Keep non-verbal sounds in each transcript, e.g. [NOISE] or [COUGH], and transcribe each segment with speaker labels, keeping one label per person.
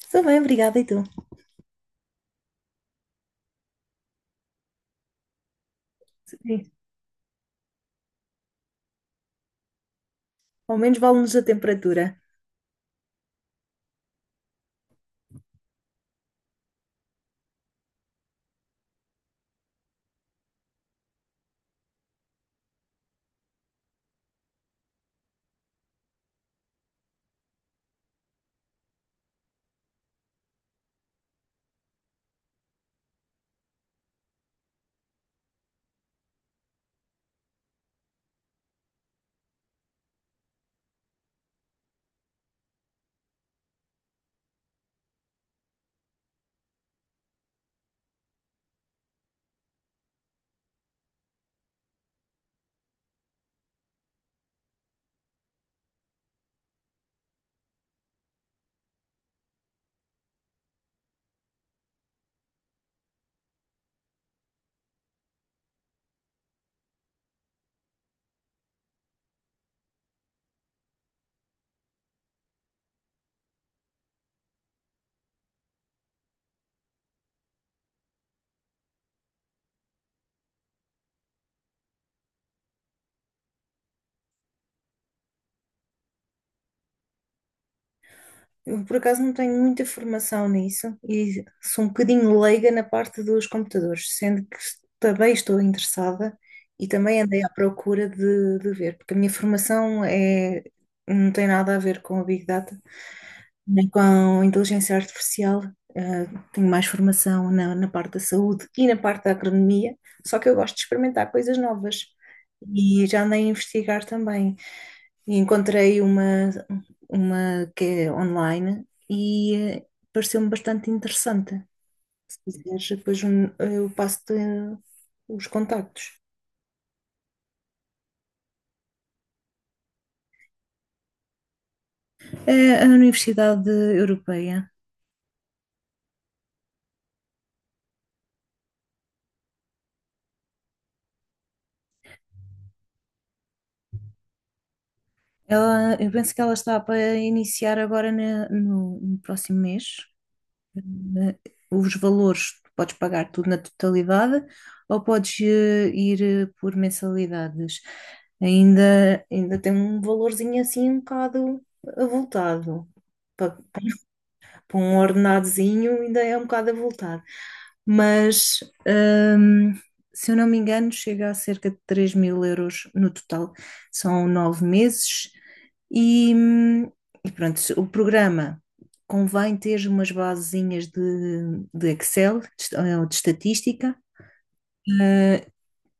Speaker 1: Estou bem, obrigada. E tu? Sim. Ao menos vale-nos a temperatura. Eu, por acaso, não tenho muita formação nisso e sou um bocadinho leiga na parte dos computadores, sendo que também estou interessada e também andei à procura de ver, porque a minha formação é, não tem nada a ver com a Big Data, nem com inteligência artificial. eh, Tenho mais formação na parte da saúde e na parte da agronomia, só que eu gosto de experimentar coisas novas e já andei a investigar também. E encontrei uma que é online e pareceu-me bastante interessante. Se quiseres, depois eu passo-te os contactos. É a Universidade Europeia. Ela, eu penso que ela está para iniciar agora no próximo mês. na- os valores, tu podes pagar tudo na totalidade ou podes ir por mensalidades. Ainda tem um valorzinho assim um bocado avultado. Pa- Para um ordenadozinho ainda é um bocado avultado. Mas, hum, se eu não me engano, chega a cerca de 3 mil euros no total. São 9 meses e, hum, e pronto, o programa convém ter umas basezinhas de Excel, ou de estatística. Uh,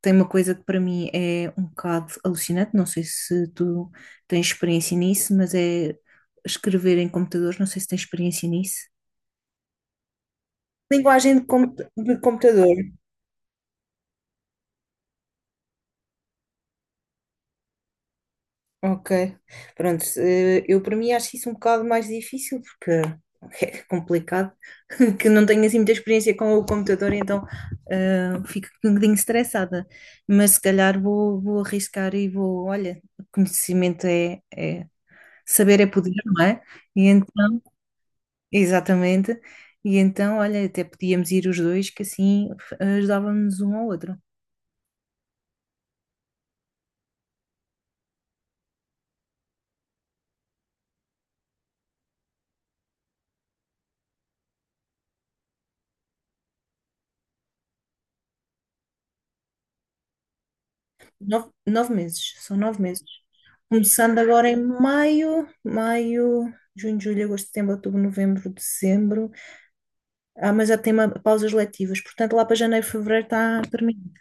Speaker 1: Tem uma coisa que para mim é um bocado alucinante, não sei se tu tens experiência nisso, mas é escrever em computadores, não sei se tens experiência nisso. Linguagem de computador. Ok. Pronto, eu para mim acho isso um bocado mais difícil porque é complicado, [LAUGHS] que não tenho assim muita experiência com o computador, então fico um bocadinho estressada. Mas se calhar vou arriscar e vou, olha, conhecimento saber é poder, não é? E então, exatamente. E então, olha, até podíamos ir os dois, que assim ajudávamos um ao outro. Nove meses, são 9 meses. Começando agora em maio, maio, junho, julho, agosto, setembro, outubro, novembro, dezembro. Ah, mas já tem pausas letivas, portanto lá para janeiro, fevereiro está terminado.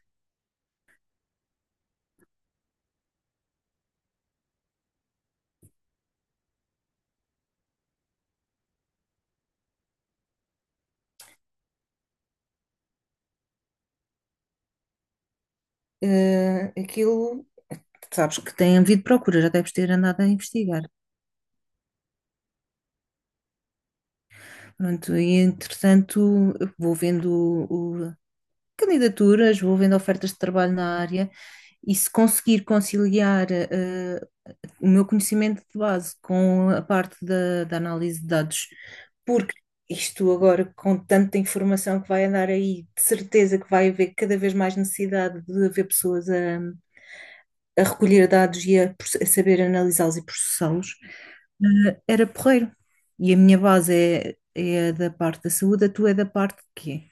Speaker 1: Aquilo, sabes que tem havido procura, já deves ter andado a investigar. Pronto, e entretanto vou vendo o- o- candidaturas, vou vendo ofertas de trabalho na área e se conseguir conciliar. ah, o meu conhecimento de base com a parte da análise de dados, porque isto agora, com tanta informação que vai andar aí, de certeza que vai haver cada vez mais necessidade de haver pessoas a recolher dados e a saber analisá-los e processá-los, era porreiro. E a minha base é a da parte da saúde, a tua é da parte de quê?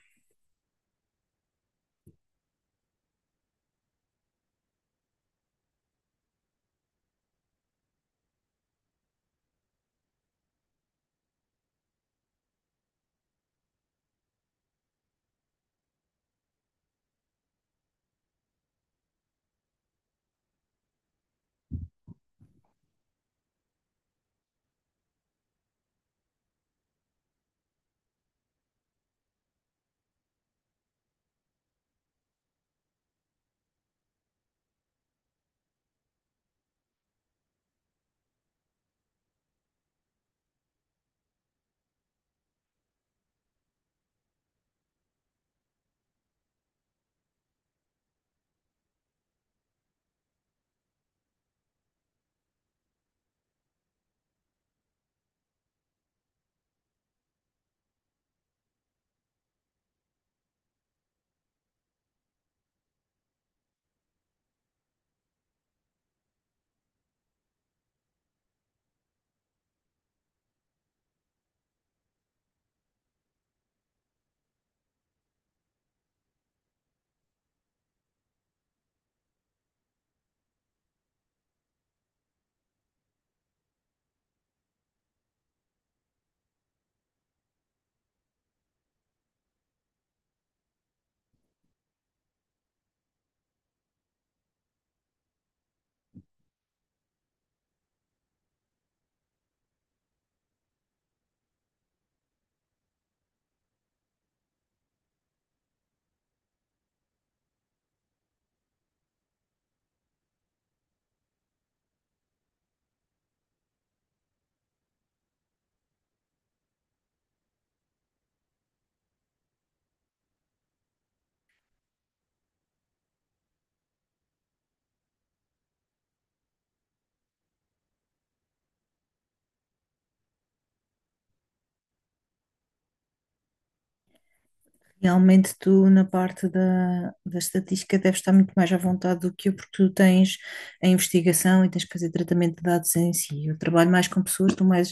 Speaker 1: Realmente tu na parte da estatística deves estar muito mais à vontade do que eu, porque tu tens a investigação e tens que fazer tratamento de dados em si. Eu trabalho mais com pessoas, estou mais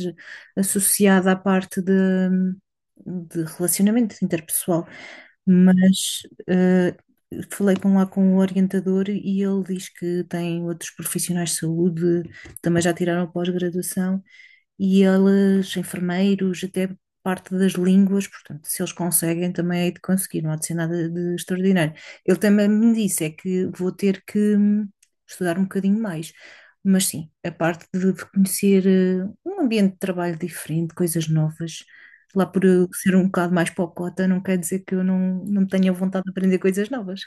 Speaker 1: associada à parte de relacionamento interpessoal. Mas eh, falei com lá com o orientador e ele diz que tem outros profissionais de saúde, também já tiraram pós-graduação, e eles, enfermeiros, até parte das línguas, portanto, se eles conseguem, também hei de conseguir, não há de ser nada de extraordinário. Ele também me disse é que vou ter que estudar um bocadinho mais, mas sim, a parte de conhecer um ambiente de trabalho diferente, coisas novas, lá por eu ser um bocado mais pocota, não quer dizer que eu não tenha vontade de aprender coisas novas.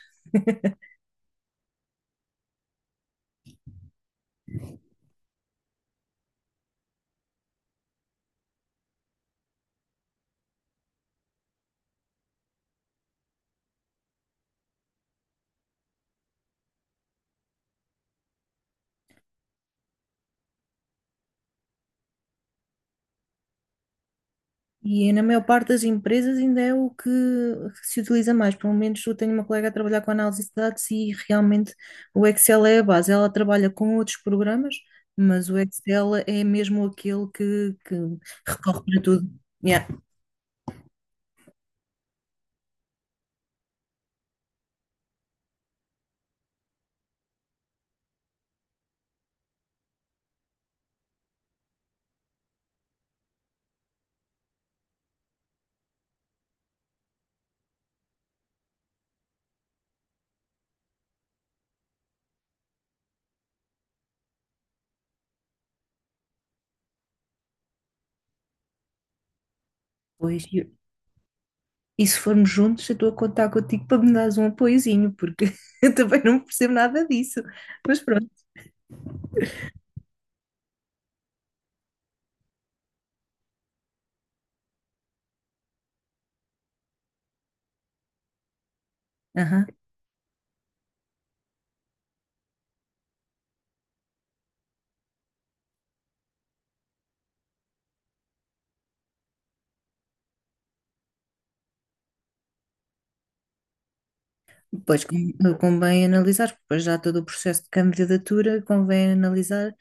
Speaker 1: E na maior parte das empresas ainda é o que se utiliza mais. Pelo menos eu tenho uma colega a trabalhar com análise de dados e realmente o Excel é a base. Ela trabalha com outros programas, mas o Excel é mesmo aquele que recorre para tudo. Yeah. Pois, e se formos juntos, eu estou a contar contigo para me dares um apoiozinho, porque [LAUGHS] eu também não percebo nada disso. Mas pronto. Aham. Pois convém analisar, porque depois já todo o processo de candidatura convém analisar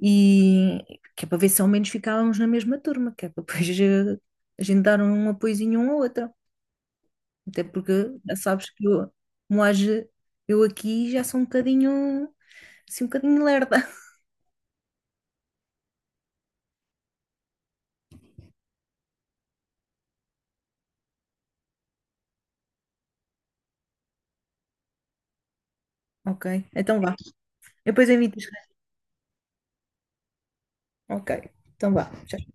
Speaker 1: e que é para ver se ao menos ficávamos na mesma turma, que é para depois a gente dar um apoiozinho um ao outro. Até porque já sabes que eu, como age, eu aqui já sou um bocadinho, assim, um bocadinho lerda. [LAUGHS] Ok, então vá. Depois eu invito. Ok, então vá. Tchau.